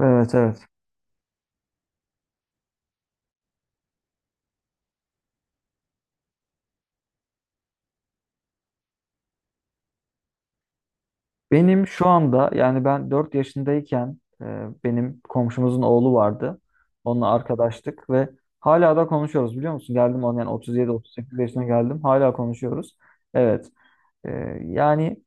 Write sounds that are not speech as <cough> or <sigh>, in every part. Evet, evet. Benim şu anda yani ben 4 yaşındayken benim komşumuzun oğlu vardı. Onunla arkadaştık ve hala da konuşuyoruz, biliyor musun? Geldim onun yani 37-38 yaşına geldim. Hala konuşuyoruz. Evet. E, Yani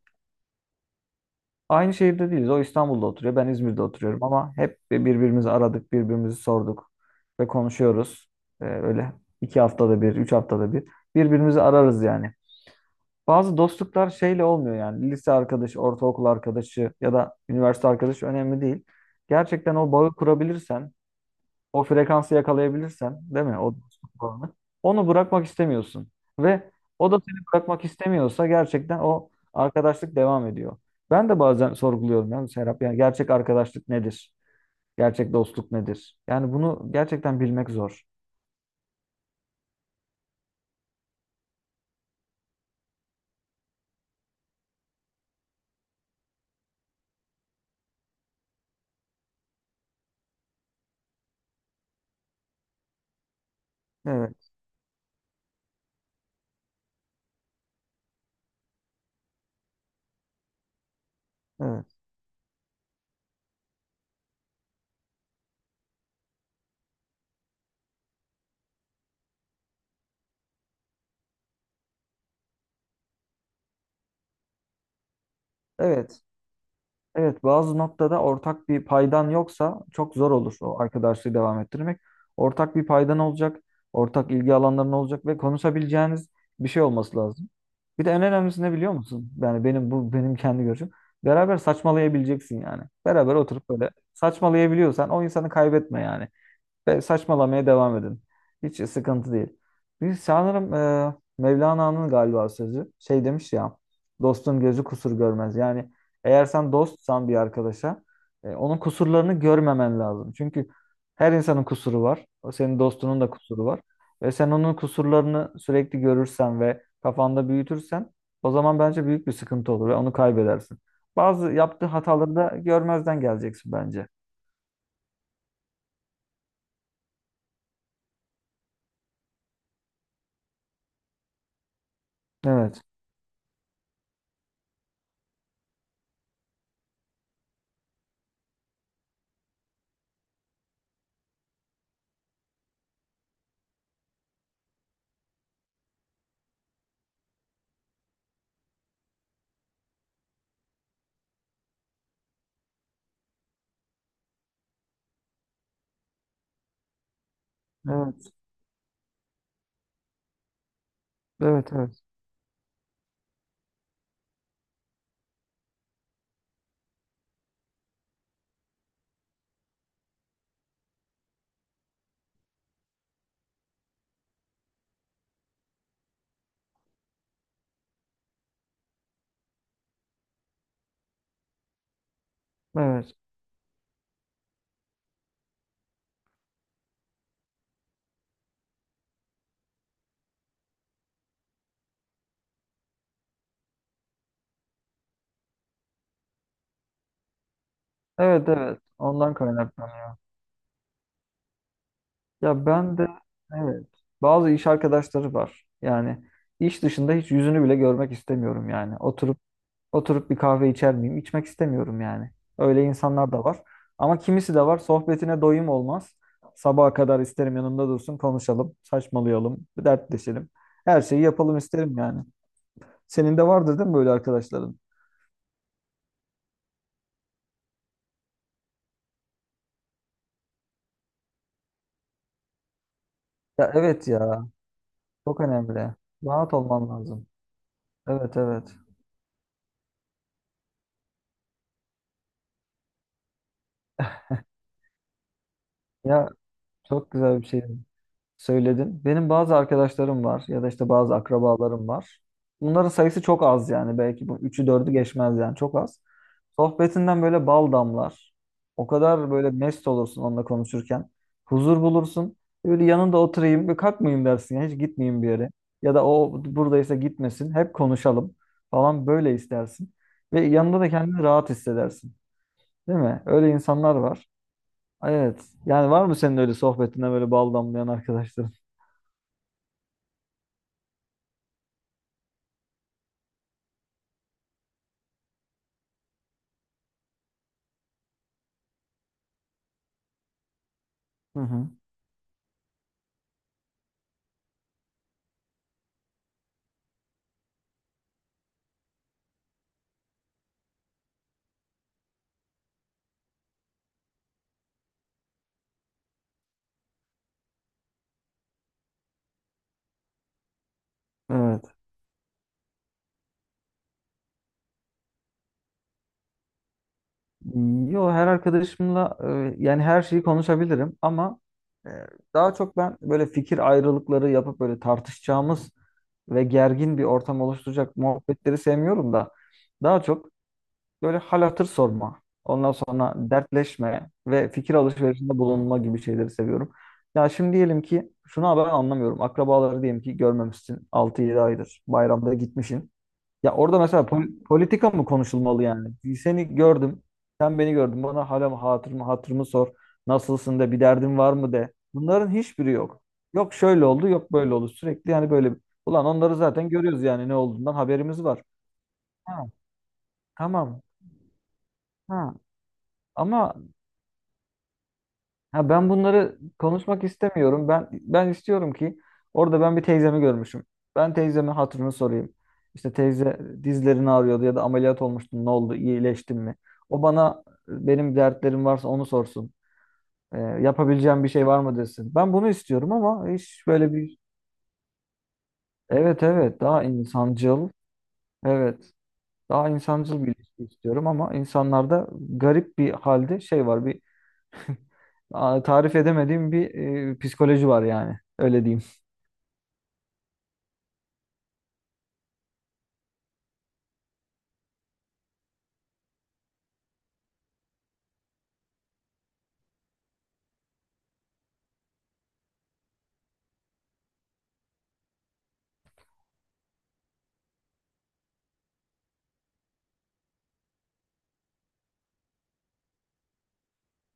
aynı şehirde değiliz. O İstanbul'da oturuyor. Ben İzmir'de oturuyorum ama hep birbirimizi aradık, birbirimizi sorduk ve konuşuyoruz. Öyle 2 haftada bir, 3 haftada bir birbirimizi ararız yani. Bazı dostluklar şeyle olmuyor yani. Lise arkadaşı, ortaokul arkadaşı ya da üniversite arkadaşı önemli değil. Gerçekten o bağı kurabilirsen, o frekansı yakalayabilirsen, değil mi? O dostluk bağını. Onu bırakmak istemiyorsun. Ve o da seni bırakmak istemiyorsa gerçekten o arkadaşlık devam ediyor. Ben de bazen sorguluyorum yani Serap. Yani gerçek arkadaşlık nedir? Gerçek dostluk nedir? Yani bunu gerçekten bilmek zor. Evet, evet, evet. Evet, bazı noktada ortak bir paydan yoksa çok zor olur o arkadaşlığı devam ettirmek. Ortak bir paydan olacak, ortak ilgi alanların olacak ve konuşabileceğiniz bir şey olması lazım. Bir de en önemlisi ne biliyor musun? Yani benim kendi görüşüm. Beraber saçmalayabileceksin yani. Beraber oturup böyle saçmalayabiliyorsan o insanı kaybetme yani ve saçmalamaya devam edin. Hiç sıkıntı değil. Bir sanırım Mevlana'nın galiba sözü şey demiş ya, dostun gözü kusur görmez. Yani eğer sen dostsan bir arkadaşa onun kusurlarını görmemen lazım. Çünkü her insanın kusuru var. O senin dostunun da kusuru var. Ve sen onun kusurlarını sürekli görürsen ve kafanda büyütürsen o zaman bence büyük bir sıkıntı olur ve onu kaybedersin. Bazı yaptığı hataları da görmezden geleceksin bence. Evet. Evet. Evet, evet. Evet. Evet, evet. Ondan kaynaklanıyor. Ya ben de evet. Bazı iş arkadaşları var. Yani iş dışında hiç yüzünü bile görmek istemiyorum yani. Oturup oturup bir kahve içer miyim? İçmek istemiyorum yani. Öyle insanlar da var. Ama kimisi de var. Sohbetine doyum olmaz. Sabaha kadar isterim yanımda dursun, konuşalım, saçmalayalım, dertleşelim. Her şeyi yapalım isterim yani. Senin de vardır değil mi böyle arkadaşların? Ya evet ya. Çok önemli. Rahat olman lazım. Evet, evet. Ya, çok güzel bir şey söyledin. Benim bazı arkadaşlarım var ya da işte bazı akrabalarım var. Bunların sayısı çok az yani. Belki bu üçü dördü geçmez yani çok az. Sohbetinden böyle bal damlar. O kadar böyle mest olursun onunla konuşurken. Huzur bulursun. Böyle yanında oturayım, bir kalkmayayım dersin. Yani hiç gitmeyeyim bir yere. Ya da o buradaysa gitmesin. Hep konuşalım falan böyle istersin. Ve yanında da kendini rahat hissedersin. Değil mi? Öyle insanlar var. Evet. Yani var mı senin öyle sohbetine böyle bal damlayan arkadaşların? Hı hı. Evet. Yo, her arkadaşımla yani her şeyi konuşabilirim ama e, daha çok ben böyle fikir ayrılıkları yapıp böyle tartışacağımız ve gergin bir ortam oluşturacak muhabbetleri sevmiyorum da daha çok böyle hal hatır sorma. Ondan sonra dertleşme ve fikir alışverişinde bulunma gibi şeyleri seviyorum. Ya şimdi diyelim ki şunu ben anlamıyorum. Akrabaları diyelim ki görmemişsin 6-7 aydır. Bayramda gitmişsin. Ya orada mesela politika mı konuşulmalı yani? Seni gördüm. Sen beni gördün. Bana hala mı hatırımı sor. Nasılsın de, bir derdin var mı de. Bunların hiçbiri yok. Yok şöyle oldu, yok böyle oldu. Sürekli yani böyle. Ulan onları zaten görüyoruz yani ne olduğundan haberimiz var. Ha, tamam. Ha. Ama ha, ben bunları konuşmak istemiyorum. Ben istiyorum ki orada ben bir teyzemi görmüşüm. Ben teyzemin hatırını sorayım. İşte teyze dizlerini ağrıyordu ya da ameliyat olmuştu. Ne oldu? İyileştin mi? O bana, benim dertlerim varsa onu sorsun. Yapabileceğim bir şey var mı desin. Ben bunu istiyorum ama hiç böyle bir evet, evet, daha insancıl, evet daha insancıl bir ilişki istiyorum ama insanlarda garip bir halde şey var. Bir tarif edemediğim bir psikoloji var yani. Öyle diyeyim.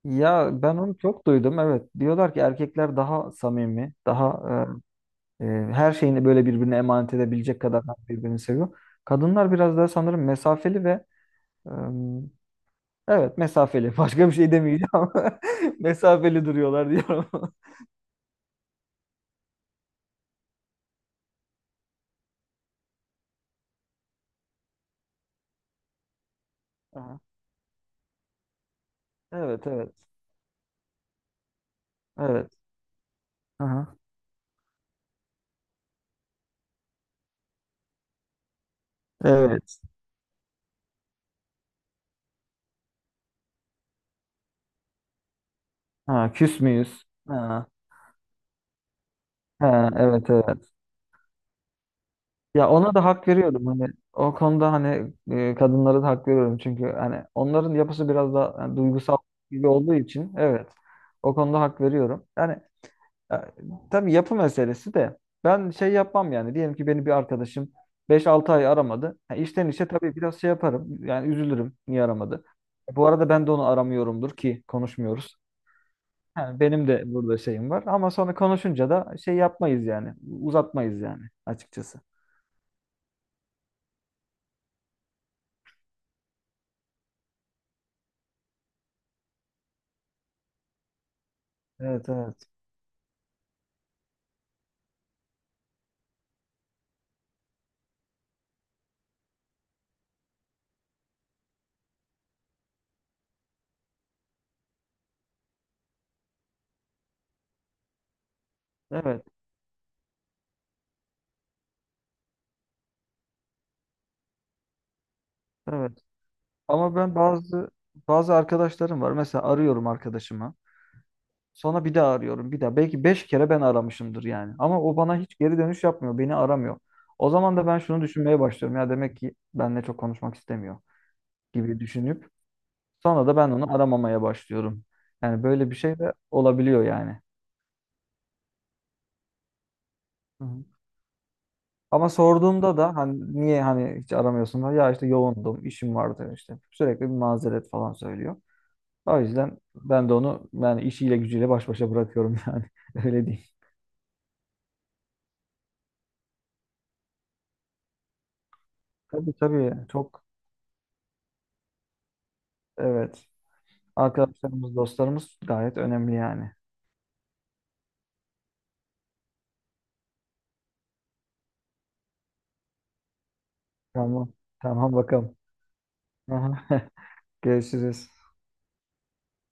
Ya ben onu çok duydum. Evet. Diyorlar ki erkekler daha samimi, daha e, e, her şeyini böyle birbirine emanet edebilecek kadar birbirini seviyor. Kadınlar biraz daha sanırım mesafeli ve e, evet mesafeli. <laughs> Başka bir şey demeyeceğim ama <laughs> mesafeli duruyorlar diyorum. <laughs> Aha. Evet, evet. Evet. Aha. Evet. Ha, küs müyüz? Ha. Ha, evet, evet. Ya ona da hak veriyorum hani o konuda hani kadınlara da hak veriyorum çünkü hani onların yapısı biraz da yani duygusal gibi olduğu için, evet, o konuda hak veriyorum. Yani e, tabii yapı meselesi de ben şey yapmam yani diyelim ki beni bir arkadaşım 5-6 ay aramadı. Ha, işten işe tabii biraz şey yaparım yani üzülürüm niye aramadı. Bu arada ben de onu aramıyorumdur ki konuşmuyoruz. Ha, benim de burada şeyim var ama sonra konuşunca da şey yapmayız yani, uzatmayız yani açıkçası. Evet, evet. Evet. Evet. Ama ben bazı arkadaşlarım var. Mesela arıyorum arkadaşımı. Sonra bir daha arıyorum bir daha. Belki 5 kere ben aramışımdır yani. Ama o bana hiç geri dönüş yapmıyor. Beni aramıyor. O zaman da ben şunu düşünmeye başlıyorum. Ya demek ki benimle çok konuşmak istemiyor gibi düşünüp sonra da ben onu aramamaya başlıyorum. Yani böyle bir şey de olabiliyor yani. Hı hı. Ama sorduğumda da hani niye hani hiç aramıyorsun? Ya işte yoğundum, işim vardı işte. Sürekli bir mazeret falan söylüyor. O yüzden ben de onu yani işiyle gücüyle baş başa bırakıyorum <laughs> yani. Öyle değil. Tabii, tabii, çok evet. Arkadaşlarımız, dostlarımız gayet önemli yani. Tamam. Tamam bakalım. Aha. <laughs> Görüşürüz.